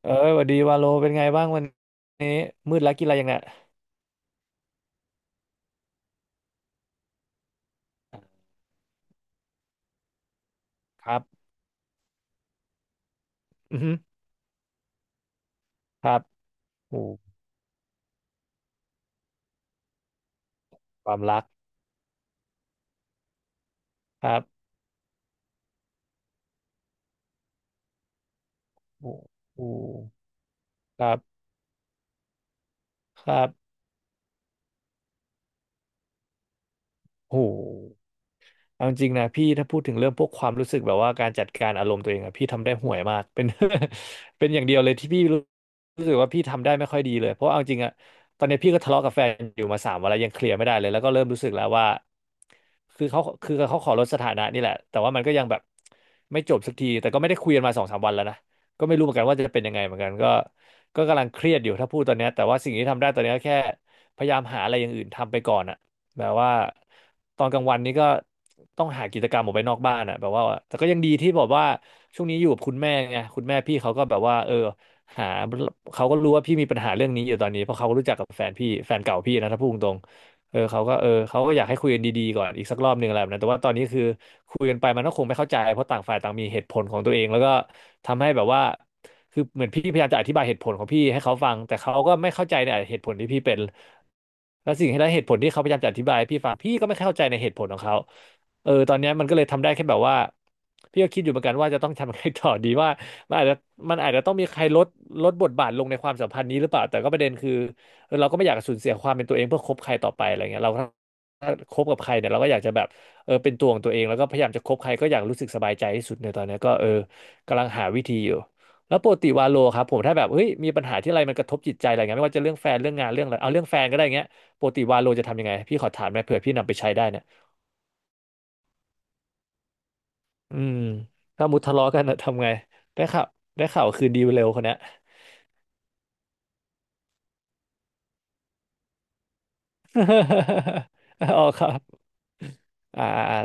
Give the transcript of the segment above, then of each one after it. เอ้ยสวัสดีวาโลเป็นไงบ้างวันนี้มืดแล้วกินอะไรยังเนี่ยครับอือฮึครับโอ้ความรักครับโอ้โหครับครับโอ้โห เอาจริงนะพี่ถ้าพูดถึงเรื่องพวกความรู้สึกแบบว่าการจัดการอารมณ์ตัวเองอะพี่ทำได้ห่วยมากเป็น เป็นอย่างเดียวเลยที่พี่รู้รู้สึกว่าพี่ทำได้ไม่ค่อยดีเลยเพราะว่าเอาจริงอะตอนนี้พี่ก็ทะเลาะกับแฟนอยู่มาสามวันแล้วยังเคลียร์ไม่ได้เลยแล้วก็เริ่มรู้สึกแล้วว่าคือเขาขอลดสถานะนี่แหละแต่ว่ามันก็ยังแบบไม่จบสักทีแต่ก็ไม่ได้คุยกันมาสองสามวันแล้วนะก็ไม่รู้เหมือนกันว่าจะเป็นยังไงเหมือนกันก็ก็กำลังเครียดอยู่ถ้าพูดตอนเนี้ยแต่ว่าสิ่งที่ทำได้ตอนเนี้ยก็แค่พยายามหาอะไรอย่างอื่นทำไปก่อนอะ แบบว่าตอนกลางวันนี้ก็ต้องหากิจกรรมออกไปนอกบ้านอ่ะแบบว่าแต่ก็ยังดีที่บอกว่าช่วงนี้อยู่กับคุณแม่ไงคุณแม่พี่เขาก็แบบว่าเออหาเขาก็รู้ว่าพี่มีปัญหาเรื่องนี้อยู่ตอนนี้เพราะเขาก็รู้จักกับแฟนพี่แฟนเก่าพี่นะถ้าพูดตรง เออเขาก็อยากให้คุยกันดีๆก่อนอีกสักรอบหนึ่งอะไรแบบนั้นแต่ว่าตอนนี้คือคุยกันไปมันก็คงไม่เข้าใจเพราะต่างฝ่ายต่างมีเหตุผลของตัวเองแล้วก็ทำให้แบบว่าคือเหมือนพี่พยายามจะอธิบายเหตุผลของพี่ให้เขาฟังแต่เขาก็ไม่เข้าใจในเหตุผลที่พี่เป็นแล้วสิ่งที่และเหตุผลที่เขาพยายามจะอธิบายให้พี่ฟังพี่ก็ไม่เข้าใจในเหตุผลของเขาเออตอนเนี้ยมันก็เลยทำได้แค่แบบว่าพี่ก็คิดอยู่เหมือนกันว่าจะต้องทำยังไงต่อดีว่ามันอาจจะมันอาจจะต้องมีใครลดบทบาทลงในความสัมพันธ์นี้หรือเปล่าแต่ก็ประเด็นคือ เออเราก็ไม่อยากสูญเสียความเป็นตัวเองเพื่อคบใครต่อไปอะไรเงี้ยเราก็ถ้าคบกับใครเนี่ยเราก็อยากจะแบบเออเป็นตัวของตัวเองแล้วก็พยายามจะคบใครก็อยากรู้สึกสบายใจที่สุดในตอนเนี้ยก็เออกำลังหาวิธีอยู่แล้วปกติวาโลครับผมถ้าแบบเฮ้ยมีปัญหาที่อะไรมันกระทบจิตใจอะไรเงี้ยไม่ว่าจะเรื่องแฟนเรื่องงานเรื่องอะไรเอาเรื่องแฟนก็ได้เงี้ยปกติวาโลจะทำยังไงพี่ขอถามหน่อยเผื่อพี่นำไปใช้ได้เนี่ยอืมถ้ามุดทะเลาะกัน นะทำไงได้ข่าวได้ข่าวคืนดีเร็วคนเนี้ย อ๋อครับอ่าอ่า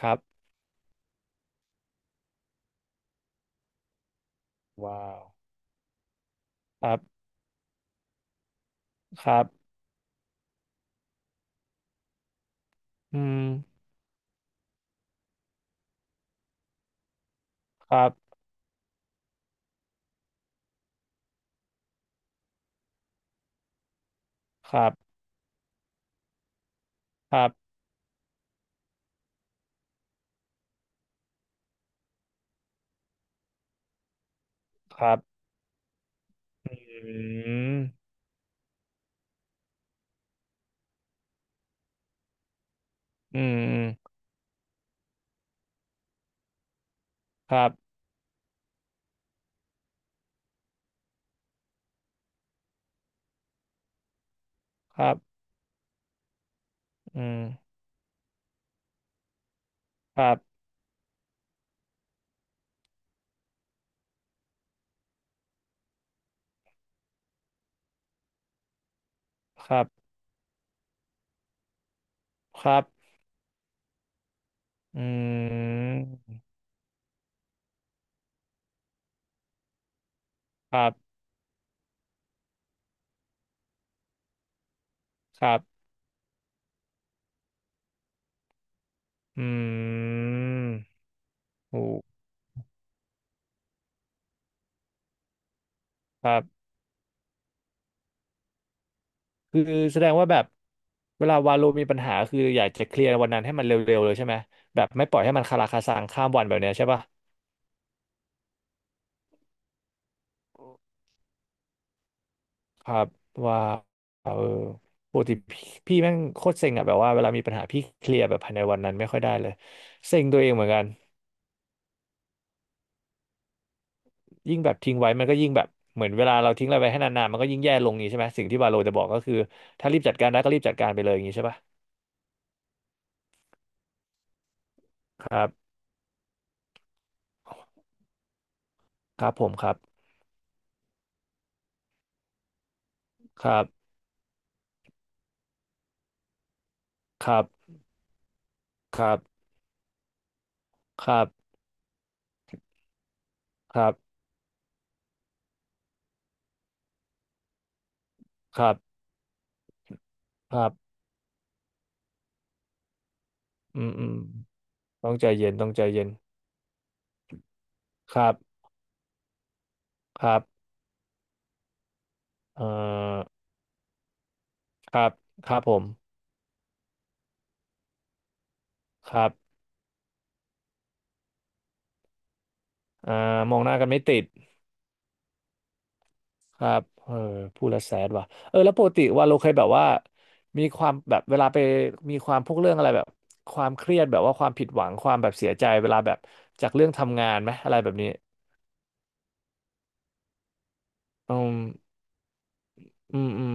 ครับว้าวครับ ครับอืมครับครับครับครับอืมอืมครับครับอืมครับครับครับอืมครับครับอืมโอ้ครับคือแสดงว่าแบบเวลาวาโลมีปัญหาคืออยากจะเคลียร์วันนั้นให้มันเร็วๆเลยใช่ไหมแบบไม่ปล่อยให้มันคาราคาซังข้ามวันแบบเนี้ยใช่ป่ะ ครับว่าเออปกติพี่แม่งโคตรเซ็งอะแบบว่าเวลามีปัญหาพี่เคลียร์แบบภายในวันนั้นไม่ค่อยได้เลยเซ็งตัวเองเหมือนกันยิ่งแบบทิ้งไว้มันก็ยิ่งแบบเหมือนเวลาเราทิ้งอะไรไว้ให้นานๆมันก็ยิ่งแย่ลงนี้ใช่ไหมสิ่งที่วาโลจะบอกก็คือถ้ารีบจัดการได้ก็รีบจัดการไปเลยอย่างนี้ใช่ปะครับครับผมครับครับครับครับครับครับครับครับอืมอืมต้องใจเย็นต้องใจเย็นครับครับเอ่อครับครับผมครับอ่ามองหน้ากันไม่ติด ครับเออพูดแล้วแสดว่ะเออแล้วปกติว่าเราเคยแบบว่ามีความแบบเวลาไปมีความพวกเรื่องอะไรแบบความเครียดแบบว่าความผิดหวัง ความแบบเสียใจเวลาแบบจากเรื่องทำงานไหมอะไรแบบนี้อืมอืมอืม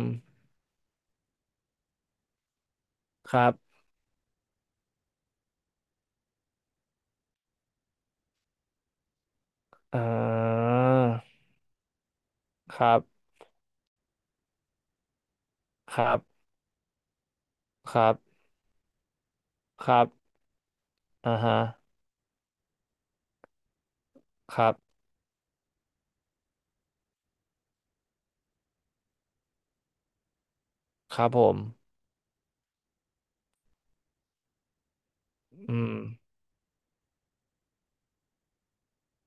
ครับอ่าครับครับครับครับอ่าฮะครับครับผมอืม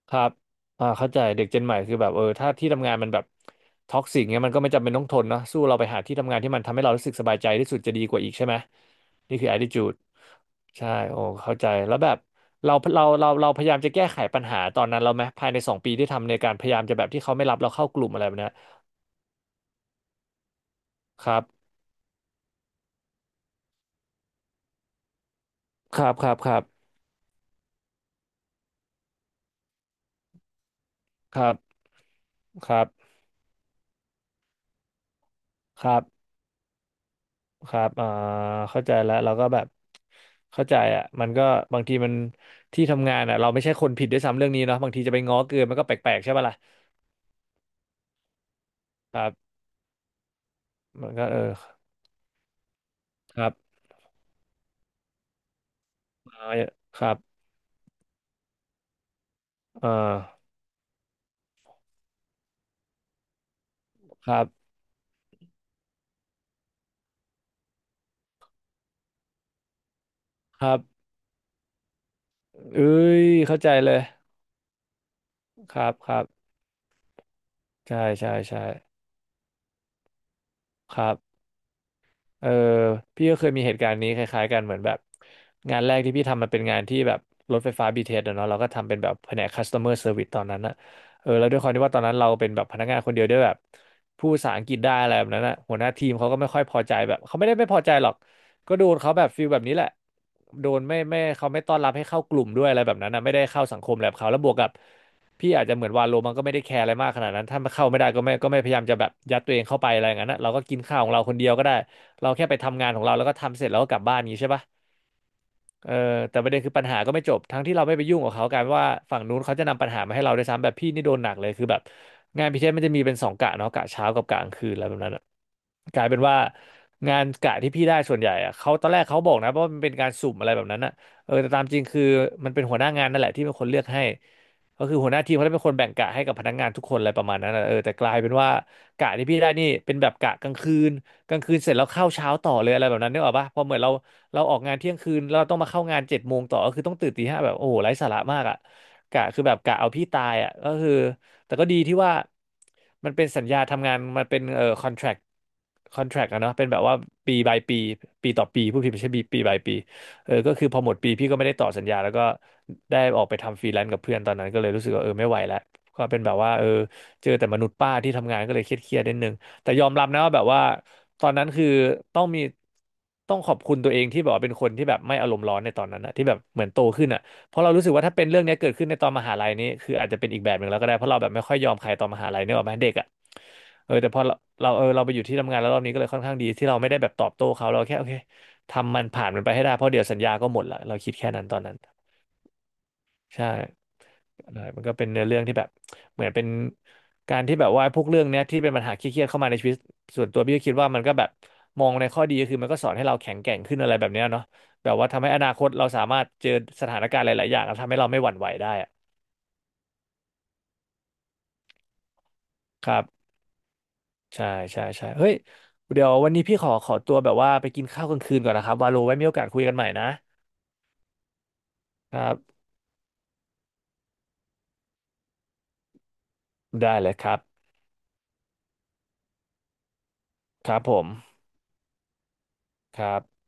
ครับอ่าเข้าใจเด็กเจนใหม่คือแบบเออถ้าที่ทำงานมันแบบท็อกซิกเงี้ยมันก็ไม่จำเป็นต้องทนเนอะสู้เราไปหาที่ทำงานที่มันทำให้เรารู้สึกสบายใจที่สุดจะดีกว่าอีกใช่ไหม นี่คือ attitude ใช่โอ้เข้าใจแล้วแบบเราพยายามจะแก้ไขปัญหาตอนนั้นเราไหมภายใน2 ปีที่ทำในการพยายามจะแบบที่เขาไม่รับเราเข้ากลุ่มอะไรแบบเนี้ยครับครับครับครับครับครับครับ ครับอ่าเข้าใจแล้วเราก็แบบเข้าใจอ่ะมันก็บางทีมันที่ทำงานอ่ะเราไม่ใช่คนผิดด้วยซ้ำเรื่องนี้เนาะบางทีจะไปง้อเกินมันก็แปลกๆใช่ป่ะล่ะครับมันก็เออครับอ่าครับอ่าครับครับเอ้ยเข้าใจเลยครับครับใช่ใช่ใช่ครับ เออพี่ก็เคยมีเหตุการณ์นี้คล้ายๆกันเหมือนแบบงานแรกที่พี่ทำมันเป็นงานที่แบบรถไฟฟ้า BTSอะเนาะเราก็ทำเป็นแบบแผนก c u เมอร์เซอร์วิสตอนนั้นอะเออแล้วด้วยความที่ว่าตอนนั้นเราเป็นแบบพนักงานคนเดียวด้วยแบบพูดภาษาอังกฤษได้อะไรแบบนั้นอะหัวหน้าทีมเขาก็ไม่ค่อยพอใจแบบเขาไม่ได้ไม่พอใจหรอก ก็โดนเขาแบบฟีลแบบนี้แหละโดนไม่เขาไม่ต้อนรับให้เข้ากลุ่มด้วยอะไรแบบนั้นนะไม่ได้เข้าสังคมแบบเขาแล้วบวกกับพี่อาจจะเหมือนวาโลมันก็ไม่ได้แคร์อะไรมากขนาดนั้นถ้าเข้าไม่ได้ก็ไม่พยายามจะแบบยัดตัวเองเข้าไปอะไรอย่างนั้นนะเราก็กินข้าวของเราคนเดียวก็ได้เราแค่ไปทำงานของเราแล้วก็ทำเสร็จแล้วก็กลับบ้านอย่างนี้ใช่ปะ เออแต่ประเด็นคือปัญหาก็ไม่จบทั้งที่เราไม่ไปยุ่งกับเขากลายเป็นว่าฝั่งนู้นเขาจะนำปัญหามาให้เราด้วยซ้ำแบบพี่นี่โดนหนักเลยคือแบบงานพิเศษมันจะมีเป็นสองกะเนาะกะเช้ากับกะกลางคืนอะไรแบบนั้นอะกลายเป็นว่างานกะที่พี่ได้ส่วนใหญ่อะเขาตอนแรกเขาบอกนะว่ามันเป็นการสุ่มอะไรแบบนั้นอะเออแต่ตามจริงคือมันเป็นหัวหน้างานนั่นแหละที่เป็นคนเลือกให้ก็คือหัวหน้าทีมเขาได้เป็นคนแบ่งกะให้กับพนักงานทุกคนอะไรประมาณนั้นอะเออแต่กลายเป็นว่ากะที่พี่ได้นี่เป็นแบบกะกลางคืน กลางคืนเสร็จแล้วเข้าเช้าต่อเลยอะไรแบบนั้นนึกออกปะพอเหมือนเราเราออกงานเที่ยงคืนแล้วเราต้องมาเข้างาน7 โมงต่อก็คือต้องตื่นตี 5แบบโอ้โหไร้สาระมากอ่ะกะคือแบบกะเอาพี่ตายอ่ะก็คือแต่ก็ดีที่ว่ามันเป็นสัญญาทำงานมันเป็นคอนแทรคอะเนาะเป็นแบบว่าปีบายปีปีต่อปีผู้พิดไม่ใช่ปีบายปีเออก็คือพอหมดปีพี่ก็ไม่ได้ต่อสัญญาแล้วก็ได้ออกไปทำฟรีแลนซ์กับเพื่อนตอนนั้นก็เลยรู้สึกว่าเออไม่ไหวแล้วก็เป็นแบบว่าเออเจอแต่มนุษย์ป้าที่ทำงานก็เลยเครียดๆนิดนึง แต่ยอมรับนะว่าแบบว่าตอนนั้นคือต้องมีต้องขอบคุณตัวเองที่แบบว่าเป็นคนที่แบบไม่อารมณ์ร้อนในตอนนั้นนะที่แบบเหมือนโตขึ้นอ่ะเพราะเรารู้สึกว่าถ้าเป็นเรื่องเนี้ยเกิดขึ้นในตอนมหาลัยนี้คืออาจจะเป็นอีกแบบหนึ่งแล้วก็ได้เพราะเราแบบไม่ค่อยยอมใครตอนมหาลัยเนกอะแม้เด็กอ่ะเออแต่พอเราเราไปอยู่ที่ทำงานแล้วรอบนี้ก็เลยค่อนข้างดีที่เราไม่ได้แบบตอบโต้เขาเราแค่โอเคทำมันผ่านมันไปให้ได้เพราะเดี๋ยวสัญญาก็หมดละเราคิดแค่นั้นตอนนั้น ใช่อะไรมันก็เป็นเนื้อเรื่องที่แบบเหมือนเป็นการที่แบบว่าพวกเรื่องเนี้ยที่เป็นปัญหาเครียดๆเข้ามาในชีวิตส่วนตัวพี่ก็คิดว่ามันก็แบบมองในข้อดีก็คือมันก็สอนให้เราแข็งแกร่งขึ้นอะไรแบบเนี้ยเนาะแบบว่าทำให้อนาคตเราสามารถเจอสถานการณ์หลายๆอย่างแล้วทำให้เราไม่หวั่นไหวได้อะครับใช่ใช่ใช่เฮ้ยเดี๋ยววันนี้พี่ขอตัวแบบว่าไปกินข้าวกลางคืนก่อนนะครับวาโลไว้มีโอกาสคุยกันใหม่นะครับได้เลยครับครับผมครับ